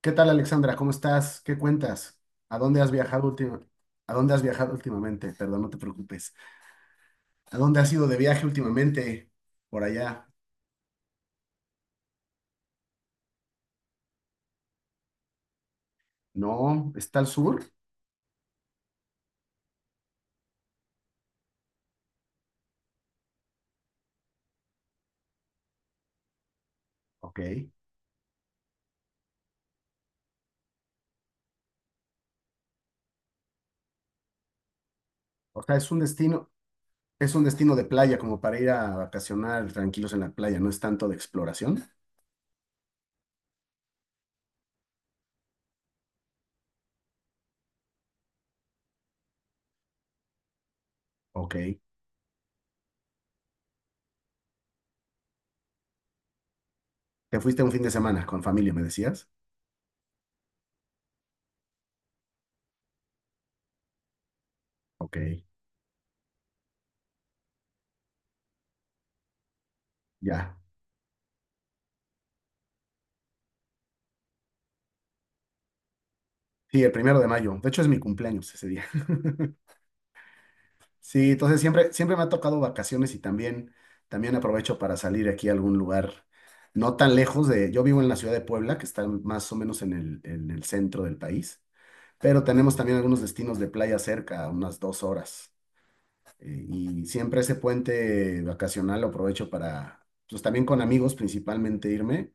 ¿Qué tal, Alexandra? ¿Cómo estás? ¿Qué cuentas? ¿A dónde has viajado última- ¿A dónde has viajado últimamente? Perdón, no te preocupes. ¿A dónde has ido de viaje últimamente? Por allá. No, está al sur. Ok. O sea, es un destino de playa, como para ir a vacacionar tranquilos en la playa, no es tanto de exploración. Ok. Te fuiste un fin de semana con familia, me decías. Ok, ya. Sí, el primero de mayo. De hecho, es mi cumpleaños ese día. Sí, entonces siempre me ha tocado vacaciones y también aprovecho para salir aquí a algún lugar no tan lejos de, yo vivo en la ciudad de Puebla, que está más o menos en el centro del país, pero tenemos también algunos destinos de playa cerca, a unas 2 horas. Y siempre ese puente vacacional lo aprovecho para, pues también con amigos principalmente irme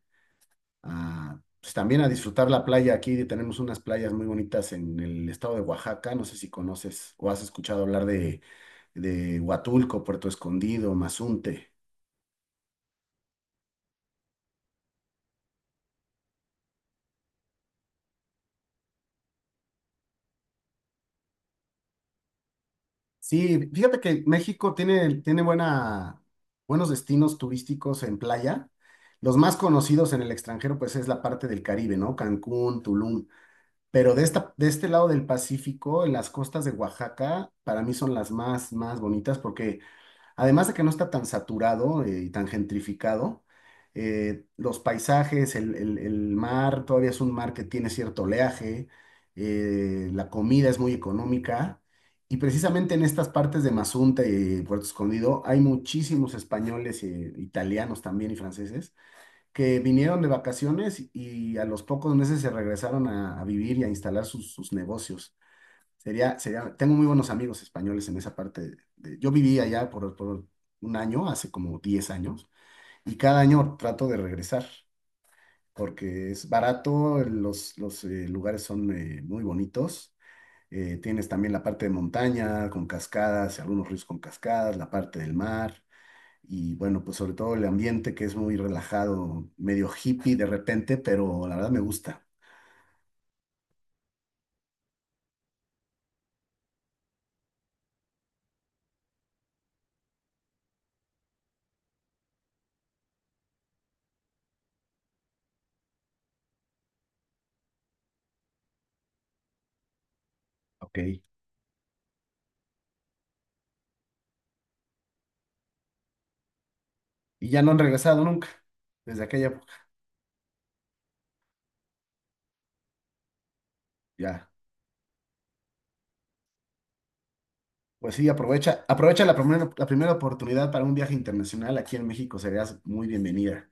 a, pues también a disfrutar la playa. Aquí tenemos unas playas muy bonitas en el estado de Oaxaca. No sé si conoces o has escuchado hablar de Huatulco, Puerto Escondido, Mazunte. Sí, fíjate que México tiene buenos destinos turísticos en playa. Los más conocidos en el extranjero, pues es la parte del Caribe, ¿no? Cancún, Tulum. Pero de este lado del Pacífico, en las costas de Oaxaca, para mí son más bonitas porque además de que no está tan saturado y tan gentrificado, los paisajes, el mar, todavía es un mar que tiene cierto oleaje, la comida es muy económica y precisamente en estas partes de Mazunte y Puerto Escondido hay muchísimos españoles, italianos también y franceses que vinieron de vacaciones y a los pocos meses se regresaron a vivir y a instalar sus negocios. Sería, tengo muy buenos amigos españoles en esa parte. Yo viví allá por un año, hace como 10 años, y cada año trato de regresar, porque es barato, los lugares son muy bonitos. Tienes también la parte de montaña con cascadas, y algunos ríos con cascadas, la parte del mar, y bueno, pues sobre todo el ambiente que es muy relajado, medio hippie de repente, pero la verdad me gusta. Ok. Y ya no han regresado nunca, desde aquella época. Ya. Pues sí, aprovecha, aprovecha la primera oportunidad para un viaje internacional aquí en México, serías muy bienvenida.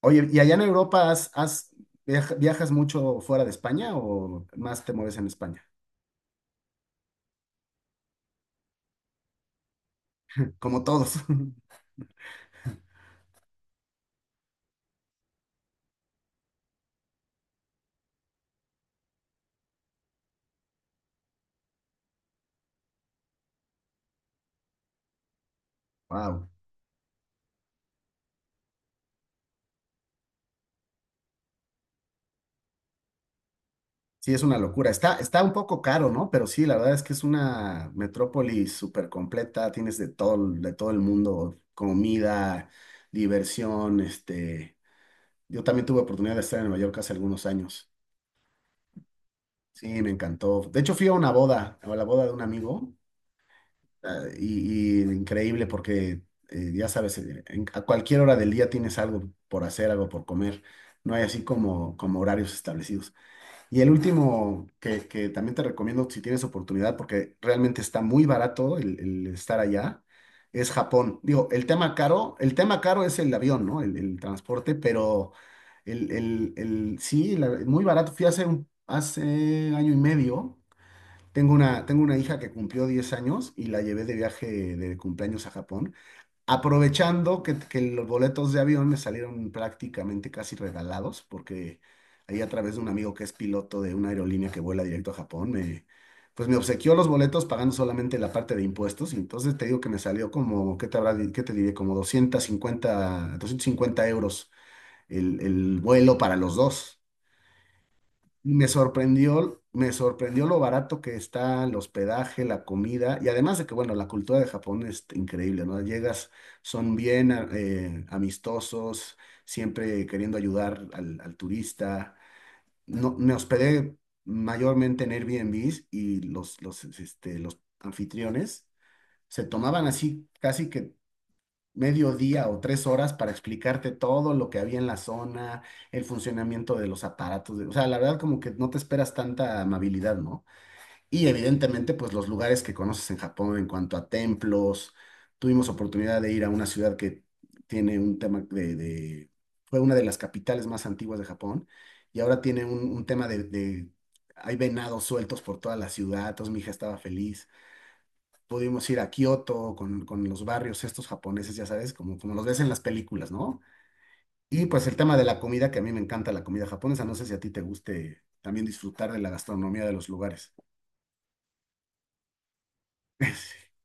Oye, ¿y allá en Europa viajas mucho fuera de España o más te mueves en España? Como todos. Wow. Sí, es una locura. Está un poco caro, ¿no? Pero sí, la verdad es que es una metrópoli súper completa. Tienes de todo, de todo el mundo, comida, diversión, este. Yo también tuve oportunidad de estar en Nueva York hace algunos años. Sí, me encantó. De hecho, fui a una boda, a la boda de un amigo, y increíble porque, ya sabes, a cualquier hora del día tienes algo por hacer, algo por comer. No hay así como, como horarios establecidos. Y el último que también te recomiendo si tienes oportunidad, porque realmente está muy barato el estar allá, es Japón. Digo, el tema caro es el avión, ¿no? El transporte, pero muy barato. Fui hace, un, hace año y medio tengo tengo una hija que cumplió 10 años y la llevé de viaje de cumpleaños a Japón, aprovechando que los boletos de avión me salieron prácticamente casi regalados, porque ahí a través de un amigo que es piloto de una aerolínea que vuela directo a Japón, me, pues me obsequió los boletos pagando solamente la parte de impuestos y entonces te digo que me salió como, ¿qué te habrá, qué te diré? Como 250 euros el vuelo para los dos. Y me sorprendió lo barato que está el hospedaje, la comida, y además de que, bueno, la cultura de Japón es increíble, ¿no? Llegas, son amistosos, siempre queriendo ayudar al turista. No, me hospedé mayormente en Airbnbs y los anfitriones se tomaban así casi que medio día o 3 horas para explicarte todo lo que había en la zona, el funcionamiento de los aparatos. O sea, la verdad como que no te esperas tanta amabilidad, ¿no? Y evidentemente, pues los lugares que conoces en Japón en cuanto a templos. Tuvimos oportunidad de ir a una ciudad que tiene un tema de, fue una de las capitales más antiguas de Japón y ahora tiene un tema de, hay venados sueltos por toda la ciudad, entonces mi hija estaba feliz. Pudimos ir a Kioto con los barrios estos japoneses, ya sabes, como, como los ves en las películas, ¿no? Y pues el tema de la comida, que a mí me encanta la comida japonesa, no sé si a ti te guste también disfrutar de la gastronomía de los lugares.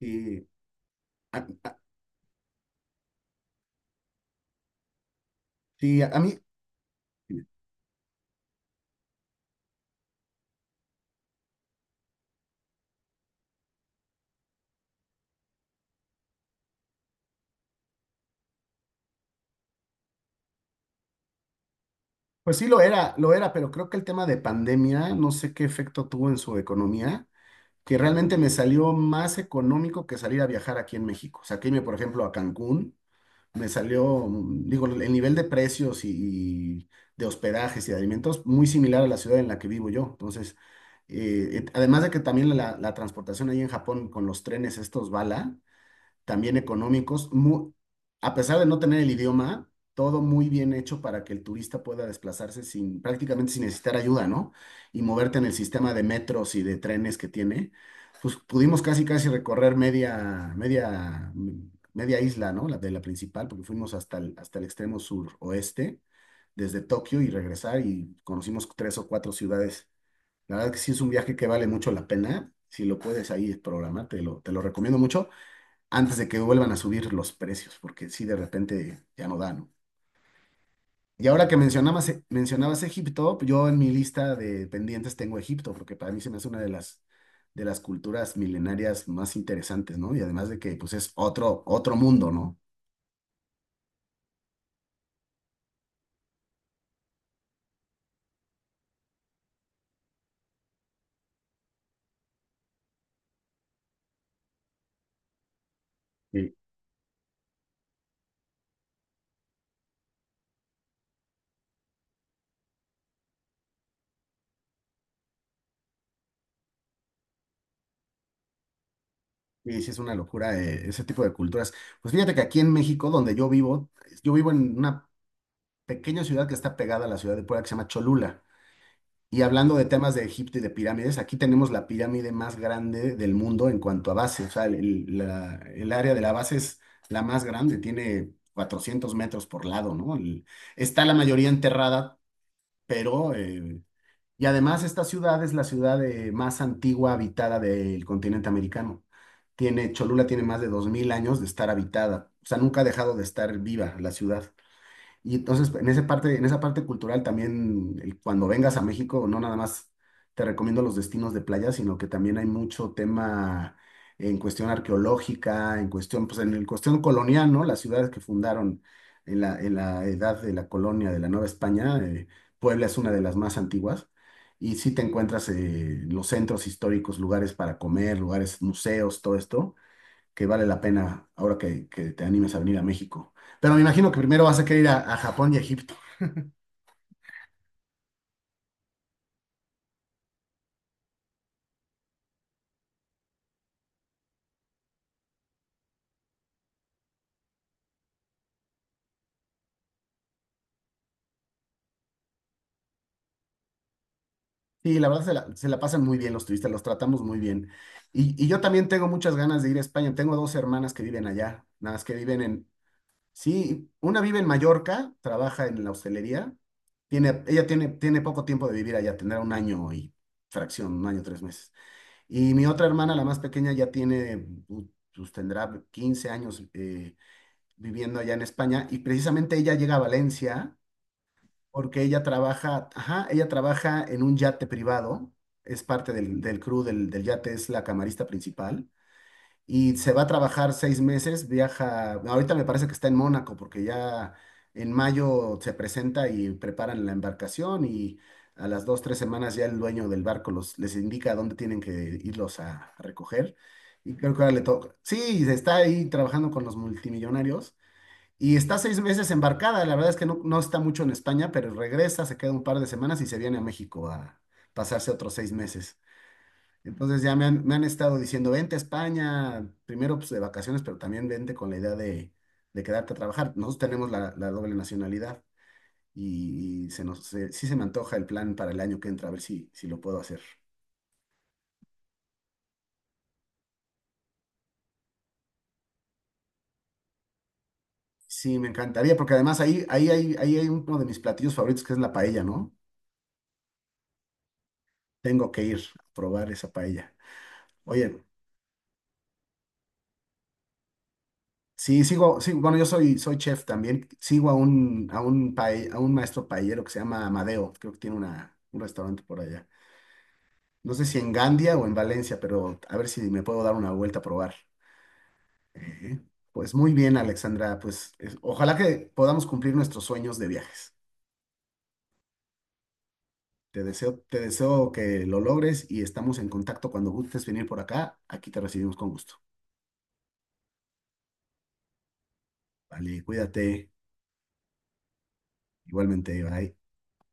Y a, a- sí, a mí, pues sí lo era, pero creo que el tema de pandemia, no sé qué efecto tuvo en su economía, que realmente me salió más económico que salir a viajar aquí en México. O sea, que irme, por ejemplo, a Cancún. Me salió, digo, el nivel de precios y de hospedajes y de alimentos muy similar a la ciudad en la que vivo yo. Entonces, además de que también la transportación ahí en Japón con los trenes estos bala, también económicos, a pesar de no tener el idioma, todo muy bien hecho para que el turista pueda desplazarse sin, prácticamente sin necesitar ayuda, ¿no? Y moverte en el sistema de metros y de trenes que tiene. Pues pudimos casi casi recorrer media isla, ¿no? La de la principal, porque fuimos hasta el extremo suroeste, desde Tokio y regresar y conocimos tres o cuatro ciudades. La verdad que sí es un viaje que vale mucho la pena. Si lo puedes ahí programar, te lo recomiendo mucho antes de que vuelvan a subir los precios, porque sí, de repente ya no da, ¿no? Y ahora que mencionabas, mencionabas Egipto, yo en mi lista de pendientes tengo Egipto, porque para mí se me hace una de las culturas milenarias más interesantes, ¿no? Y además de que pues es otro, otro mundo, ¿no? Sí. Y sí, es una locura ese tipo de culturas. Pues fíjate que aquí en México, donde yo vivo en una pequeña ciudad que está pegada a la ciudad de Puebla, que se llama Cholula. Y hablando de temas de Egipto y de pirámides, aquí tenemos la pirámide más grande del mundo en cuanto a base. O sea, el área de la base es la más grande, tiene 400 metros por lado, ¿no? Está la mayoría enterrada, pero y además esta ciudad es la ciudad más antigua habitada del continente americano. Cholula tiene más de 2000 años de estar habitada. O sea, nunca ha dejado de estar viva la ciudad. Y entonces, en esa parte cultural también, cuando vengas a México, no nada más te recomiendo los destinos de playa, sino que también hay mucho tema en cuestión arqueológica, en cuestión, pues en el cuestión colonial, ¿no? Las ciudades que fundaron en la edad de la colonia de la Nueva España, Puebla es una de las más antiguas. Y sí te encuentras los centros históricos, lugares para comer, lugares, museos, todo esto que vale la pena ahora que te animes a venir a México. Pero me imagino que primero vas a querer ir a Japón y a Egipto. Sí, la verdad se la pasan muy bien los turistas, los tratamos muy bien. Y yo también tengo muchas ganas de ir a España. Tengo dos hermanas que viven allá, nada más que viven en, sí, una vive en Mallorca, trabaja en la hostelería. Ella tiene poco tiempo de vivir allá, tendrá un año y fracción, un año, 3 meses. Y mi otra hermana, la más pequeña, ya tiene, pues tendrá 15 años, viviendo allá en España, y precisamente ella llega a Valencia porque ella trabaja, ajá, ella trabaja en un yate privado, es parte del crew del yate, es la camarista principal y se va a trabajar 6 meses, viaja, ahorita me parece que está en Mónaco porque ya en mayo se presenta y preparan la embarcación y a las dos, tres semanas ya el dueño del barco los, les indica a dónde tienen que irlos a recoger. Y creo que ahora le toca. Sí, está ahí trabajando con los multimillonarios. Y está 6 meses embarcada, la verdad es que no, no está mucho en España, pero regresa, se queda un par de semanas y se viene a México a pasarse otros 6 meses. Entonces ya me han estado diciendo, vente a España, primero pues, de vacaciones, pero también vente con la idea de quedarte a trabajar. Nosotros tenemos la doble nacionalidad y sí se me antoja el plan para el año que entra, a ver si, si lo puedo hacer. Sí, me encantaría, porque además ahí hay uno de mis platillos favoritos que es la paella, ¿no? Tengo que ir a probar esa paella. Oye, sí, sigo, sí, bueno, yo soy, soy chef también. Sigo a un maestro paellero que se llama Amadeo. Creo que tiene una, un restaurante por allá. No sé si en Gandia o en Valencia, pero a ver si me puedo dar una vuelta a probar. Ujú. Pues muy bien, Alexandra. Ojalá que podamos cumplir nuestros sueños de viajes. Te deseo que lo logres y estamos en contacto cuando gustes venir por acá. Aquí te recibimos con gusto. Vale, cuídate. Igualmente, bye.